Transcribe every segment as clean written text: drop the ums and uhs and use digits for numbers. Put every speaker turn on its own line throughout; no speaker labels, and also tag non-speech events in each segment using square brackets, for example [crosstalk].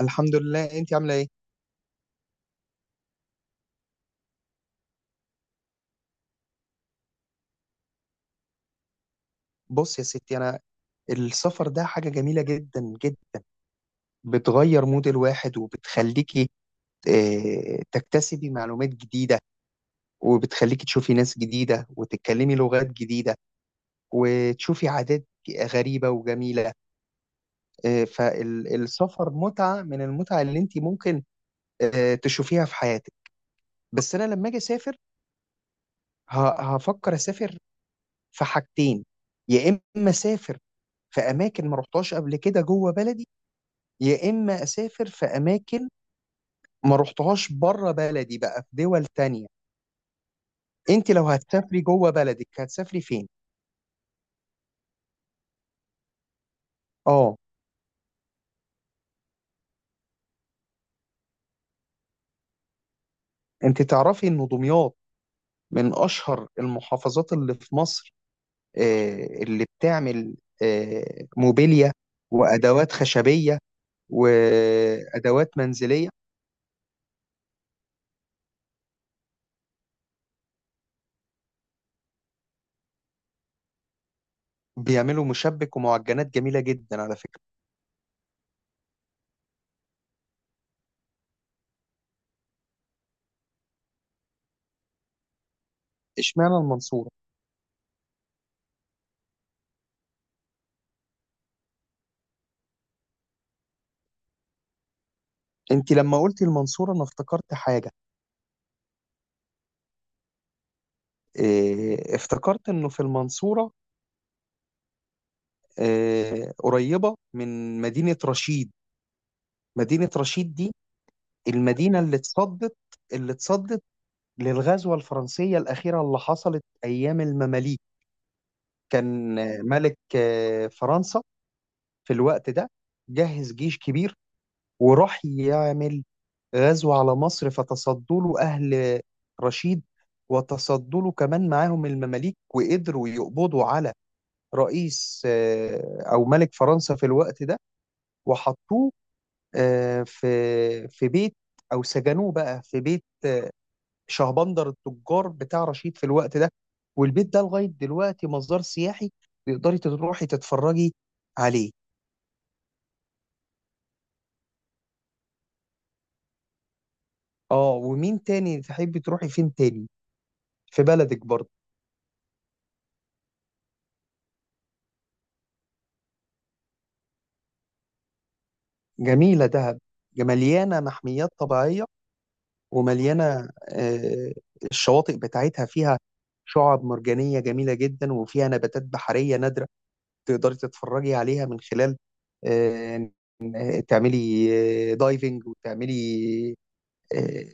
الحمد لله. انت عامله ايه؟ بص يا ستي، انا السفر ده حاجه جميله جدا جدا. بتغير مود الواحد وبتخليكي تكتسبي معلومات جديده، وبتخليكي تشوفي ناس جديده وتتكلمي لغات جديده وتشوفي عادات غريبه وجميله. فالسفر متعه من المتع اللي انت ممكن تشوفيها في حياتك. بس انا لما اجي اسافر هفكر اسافر في حاجتين، يا اما اسافر في اماكن ما رحتهاش قبل كده جوه بلدي، يا اما اسافر في اماكن ما رحتهاش بره بلدي بقى في دول تانية. انت لو هتسافري جوه بلدك هتسافري فين؟ اه، انت تعرفي ان دمياط من اشهر المحافظات اللي في مصر، اللي بتعمل موبيليا وادوات خشبية وادوات منزلية. بيعملوا مشبك ومعجنات جميلة جدا على فكرة. اشمعنى المنصورة؟ انت لما قلتي المنصورة انا افتكرت حاجة. افتكرت انه في المنصورة قريبة من مدينة رشيد. مدينة رشيد دي المدينة اللي اتصدت، اللي اتصدت للغزوة الفرنسية الأخيرة اللي حصلت أيام المماليك. كان ملك فرنسا في الوقت ده جهز جيش كبير وراح يعمل غزو على مصر، فتصدوا له أهل رشيد، وتصدوا له كمان معاهم المماليك، وقدروا يقبضوا على رئيس أو ملك فرنسا في الوقت ده، وحطوه آه، في في بيت، او سجنوه بقى في بيت شهبندر التجار بتاع رشيد في الوقت ده. والبيت ده لغايه دلوقتي مصدر سياحي، تقدري تروحي تتفرجي عليه. اه، ومين تاني؟ تحبي تروحي فين تاني في بلدك برضه؟ جميله دهب، مليانه محميات طبيعيه، ومليانه الشواطئ بتاعتها فيها شعاب مرجانيه جميله جدا، وفيها نباتات بحريه نادره تقدري تتفرجي عليها من خلال آه، تعملي دايفنج، وتعملي آه،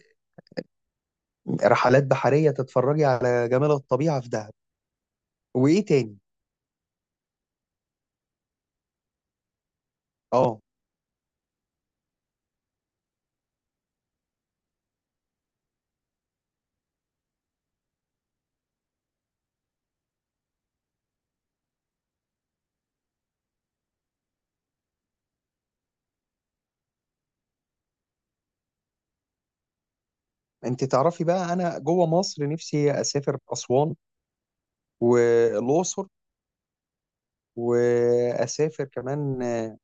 رحلات بحرية تتفرجي على جمال الطبيعة في دهب. وإيه تاني؟ آه، أنت تعرفي بقى أنا جوه مصر نفسي أسافر أسوان والأقصر، وأسافر كمان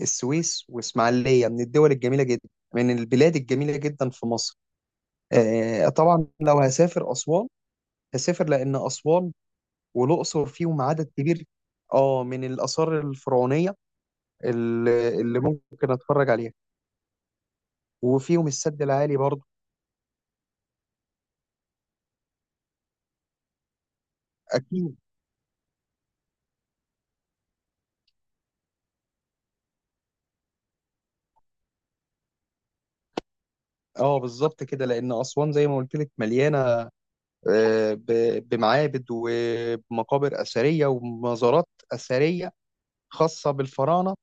السويس وإسماعيلية. من الدول الجميلة جدا، من البلاد الجميلة جدا في مصر. طبعا لو هسافر أسوان هسافر لأن أسوان والأقصر فيهم عدد كبير آه من الآثار الفرعونية اللي ممكن اتفرج عليها. وفيهم السد العالي برضه. اكيد. اه بالظبط كده، لان اسوان زي ما قلت لك مليانه بمعابد ومقابر اثريه ومزارات اثريه خاصه بالفراعنه،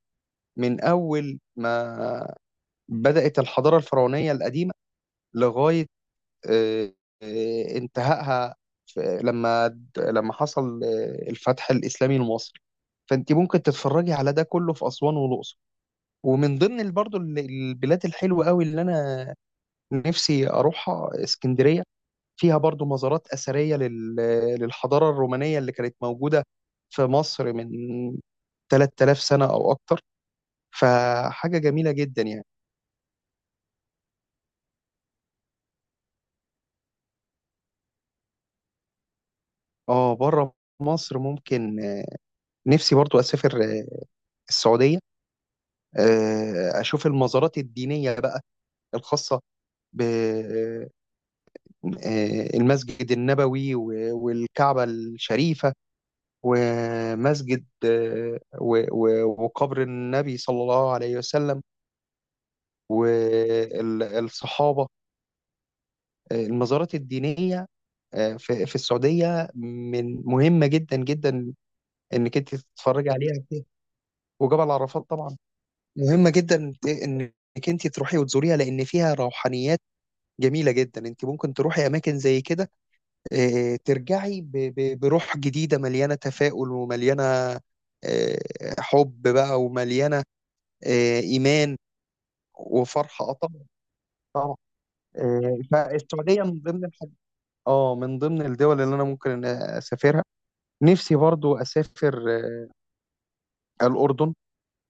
من اول ما بدات الحضاره الفرعونيه القديمه لغايه آه، انتهائها لما حصل الفتح الاسلامي لمصر. فانت ممكن تتفرجي على ده كله في اسوان والاقصر. ومن ضمن البلاد الحلوة قوي اللي أنا نفسي أروحها اسكندرية. فيها برضو مزارات أثرية للحضارة الرومانية اللي كانت موجودة في مصر من 3000 سنة أو أكتر. فحاجة جميلة جدا يعني. اه، بره مصر ممكن، نفسي برضو أسافر السعودية، أشوف المزارات الدينية بقى الخاصة ب المسجد النبوي والكعبة الشريفة، ومسجد وقبر النبي صلى الله عليه وسلم والصحابة. المزارات الدينية في السعودية من مهمة جدا جدا، انك انت تتفرجي عليها كده. وجبل عرفات طبعا مهمة جدا انك انت تروحي وتزوريها، لان فيها روحانيات جميلة جدا. انت ممكن تروحي اماكن زي كده ترجعي بروح جديدة مليانة تفاؤل، ومليانة آه، حب بقى، ومليانة إيمان وفرحة آه طبعا. طبعا. فالسعودية من ضمن الحاجات، اه من ضمن الدول اللي أنا ممكن أسافرها. نفسي برضو أسافر الأردن.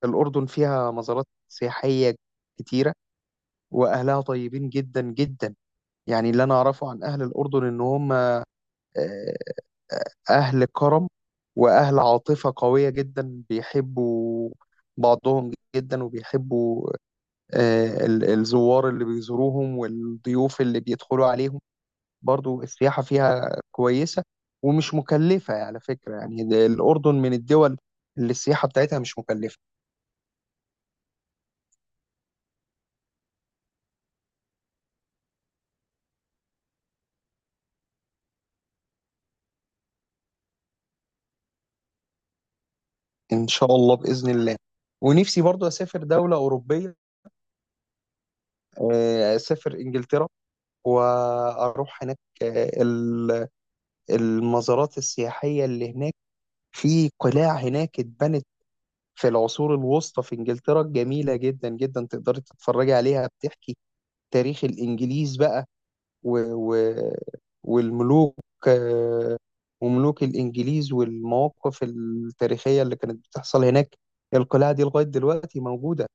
الأردن فيها مزارات سياحية كتيرة، وأهلها طيبين جدا جدا. يعني اللي أنا أعرفه عن أهل الأردن إن هم آه، أهل كرم وأهل عاطفة قوية جدا، بيحبوا بعضهم جدا، وبيحبوا الزوار اللي بيزوروهم والضيوف اللي بيدخلوا عليهم. برضو السياحة فيها كويسة، ومش مكلفة يعني على فكرة. يعني ده الأردن من الدول اللي السياحة بتاعتها مش مكلفة. إن شاء الله بإذن الله. ونفسي برضو أسافر دولة أوروبية، أسافر إنجلترا، وأروح هناك المزارات السياحية اللي هناك. في قلاع هناك اتبنت في العصور الوسطى في إنجلترا جميلة جدا جدا، تقدري تتفرجي عليها. بتحكي تاريخ الإنجليز بقى و... و... والملوك، آه، وملوك الإنجليز والمواقف التاريخية اللي كانت بتحصل هناك. القلاع دي لغاية دلوقتي موجودة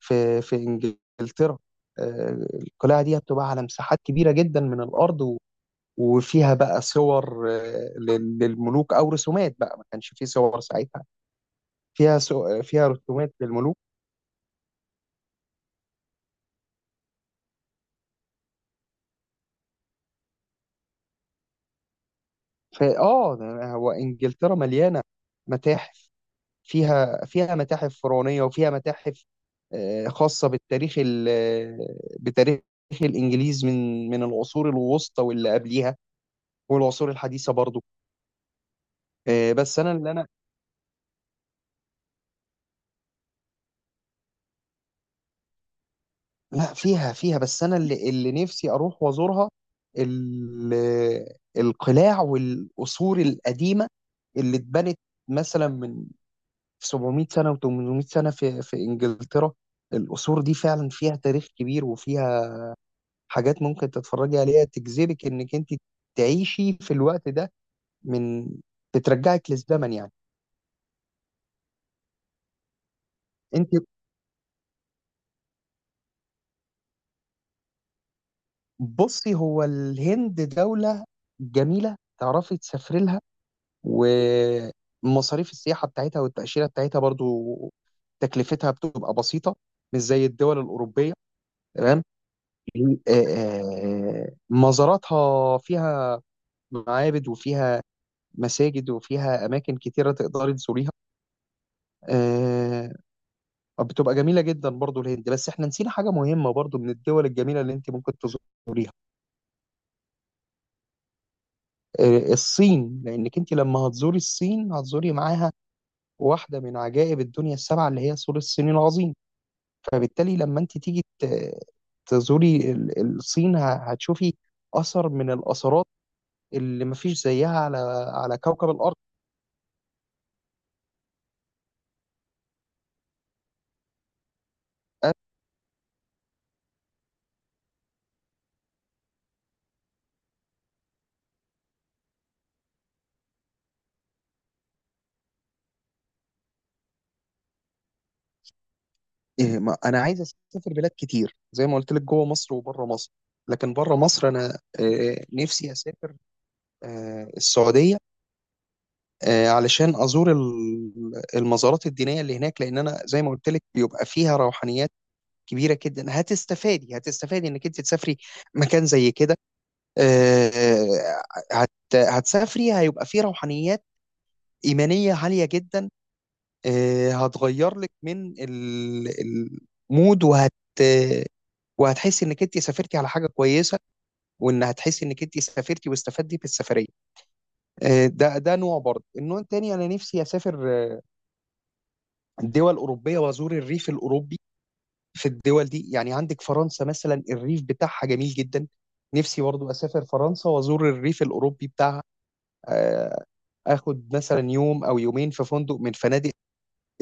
في إنجلترا. القلاع دي بتبقى على مساحات كبيرة جدا من الأرض، وفيها بقى صور للملوك أو رسومات بقى، ما كانش فيه صور ساعتها. فيها رسومات للملوك. فآه هو إنجلترا مليانة متاحف. فيها متاحف فرعونية، وفيها متاحف خاصة بالتاريخ ال- آه، بتاريخ الإنجليز من العصور الوسطى واللي قبليها، والعصور الحديثة برضو. بس أنا لا، فيها فيها. بس أنا اللي نفسي أروح وأزورها القلاع والقصور القديمة اللي اتبنت مثلا من 700 سنة و800 سنة في إنجلترا. القصور دي فعلا فيها تاريخ كبير، وفيها حاجات ممكن تتفرجي عليها تجذبك انك انت تعيشي في الوقت ده. من بترجعك للزمن يعني. انت بصي، هو الهند دولة جميلة تعرفي تسافري لها. ومصاريف السياحة بتاعتها والتأشيرة بتاعتها برضو تكلفتها بتبقى بسيطة، مش زي الدول الأوروبية. تمام. مزاراتها فيها معابد، وفيها مساجد، وفيها أماكن كتيرة تقدري تزوريها. آه، بتبقى جميلة جدا برضو الهند. بس احنا نسينا حاجة مهمة برضو من الدول الجميلة اللي انت ممكن تزوريها، الصين. لانك انت لما هتزوري الصين هتزوري معاها واحدة من عجائب الدنيا السبعة، اللي هي سور الصين العظيم. فبالتالي لما انت تيجي تزوري الصين هتشوفي أثر من الأثرات اللي مفيش زيها على على كوكب الأرض. أنا إيه، ما- أنا عايز أسافر بلاد كتير زي ما قلت لك جوه مصر وبره مصر. لكن بره مصر أنا نفسي أسافر السعودية، علشان ازور المزارات الدينيه اللي هناك، لان انا زي ما قلت لك بيبقى فيها روحانيات كبيره جدا. هتستفادي، هتستفادي انك انت تسافري مكان زي كده. آه، هت هتسافري هيبقى فيه روحانيات ايمانيه عاليه جدا، هتغير لك من المود. وهتحسي انك انت سافرتي على حاجه كويسه، وان هتحسي انك انت سافرتي واستفدتي في السفريه. ده نوع، برضه النوع التاني انا نفسي اسافر دول أوروبية وأزور الريف الأوروبي في الدول دي. يعني عندك فرنسا مثلا، الريف بتاعها جميل جدا. نفسي برضو أسافر فرنسا وأزور الريف الأوروبي بتاعها، آه، آخد مثلا يوم أو يومين في فندق من فنادق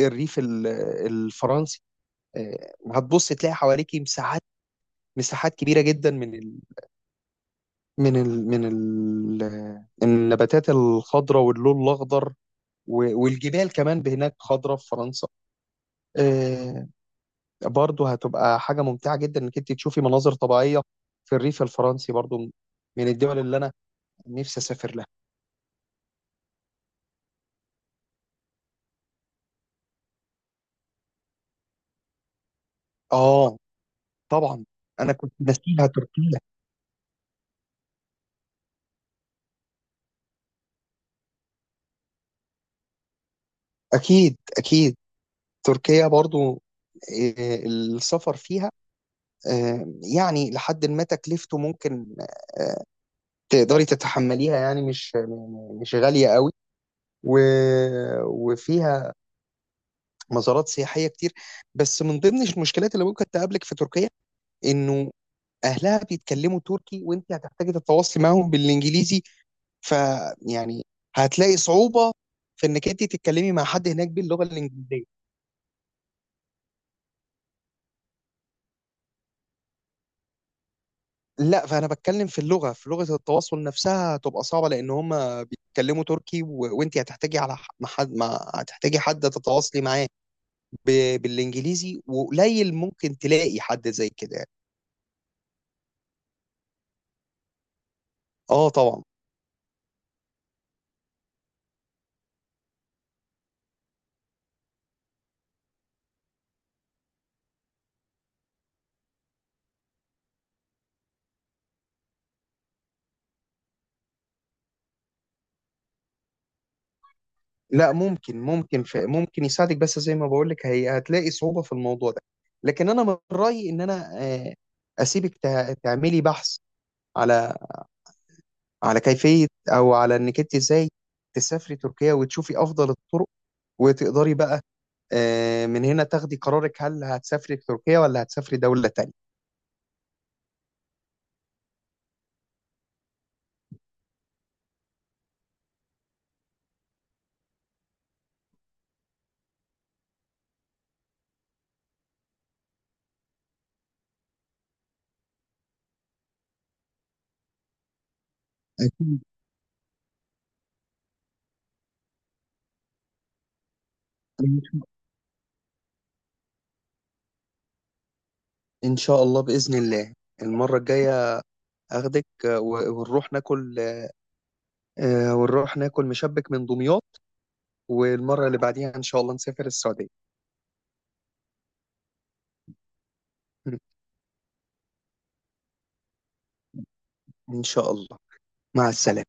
الريف الفرنسي. هتبص تلاقي حواليكي مساحات كبيرة جدا من النباتات الخضراء واللون الأخضر، والجبال كمان هناك خضراء في فرنسا. آه، برضه هتبقى حاجة ممتعة جدا انك انت تشوفي مناظر طبيعية في الريف الفرنسي برضه، من الدول اللي انا نفسي اسافر لها. اه طبعا، انا كنت ناسيها تركيا. اكيد اكيد. تركيا برضه السفر فيها آه، يعني لحد ما تكلفته ممكن آه، تقدري تتحمليها، يعني مش مش غالية قوي. و... وفيها مزارات سياحية كتير. بس من ضمن المشكلات اللي ممكن تقابلك في تركيا، انه اهلها بيتكلموا تركي، وانت هتحتاجي تتواصلي معاهم بالانجليزي. فيعني هتلاقي صعوبه في انك انت تتكلمي مع حد هناك باللغه الانجليزيه. لا، فانا بتكلم في اللغه، في لغه التواصل نفسها هتبقى صعبه، لان هم بيتكلموا تركي وانت هتحتاجي على ح- مع حد مع... هتحتاجي حد تتواصلي معاه ب... بالانجليزي، وقليل ممكن تلاقي حد زي كده يعني. اه طبعا. لا ممكن ممكن ممكن يساعدك، بس زي ما بقول لك هي هتلاقي صعوبة في الموضوع ده. لكن انا من رأيي ان انا اسيبك تعملي بحث على كيفية او على انك انت ازاي تسافري تركيا وتشوفي افضل الطرق، وتقدري بقى من هنا تاخدي قرارك، هل هتسافري تركيا ولا هتسافري دولة تانية. أكيد. إن شاء الله بإذن الله. المرة الجاية أخدك ونروح ناكل، ونروح ناكل مشبك من دمياط، والمرة اللي بعديها إن شاء الله نسافر السعودية. [laughs] إن شاء الله. مع السلامة.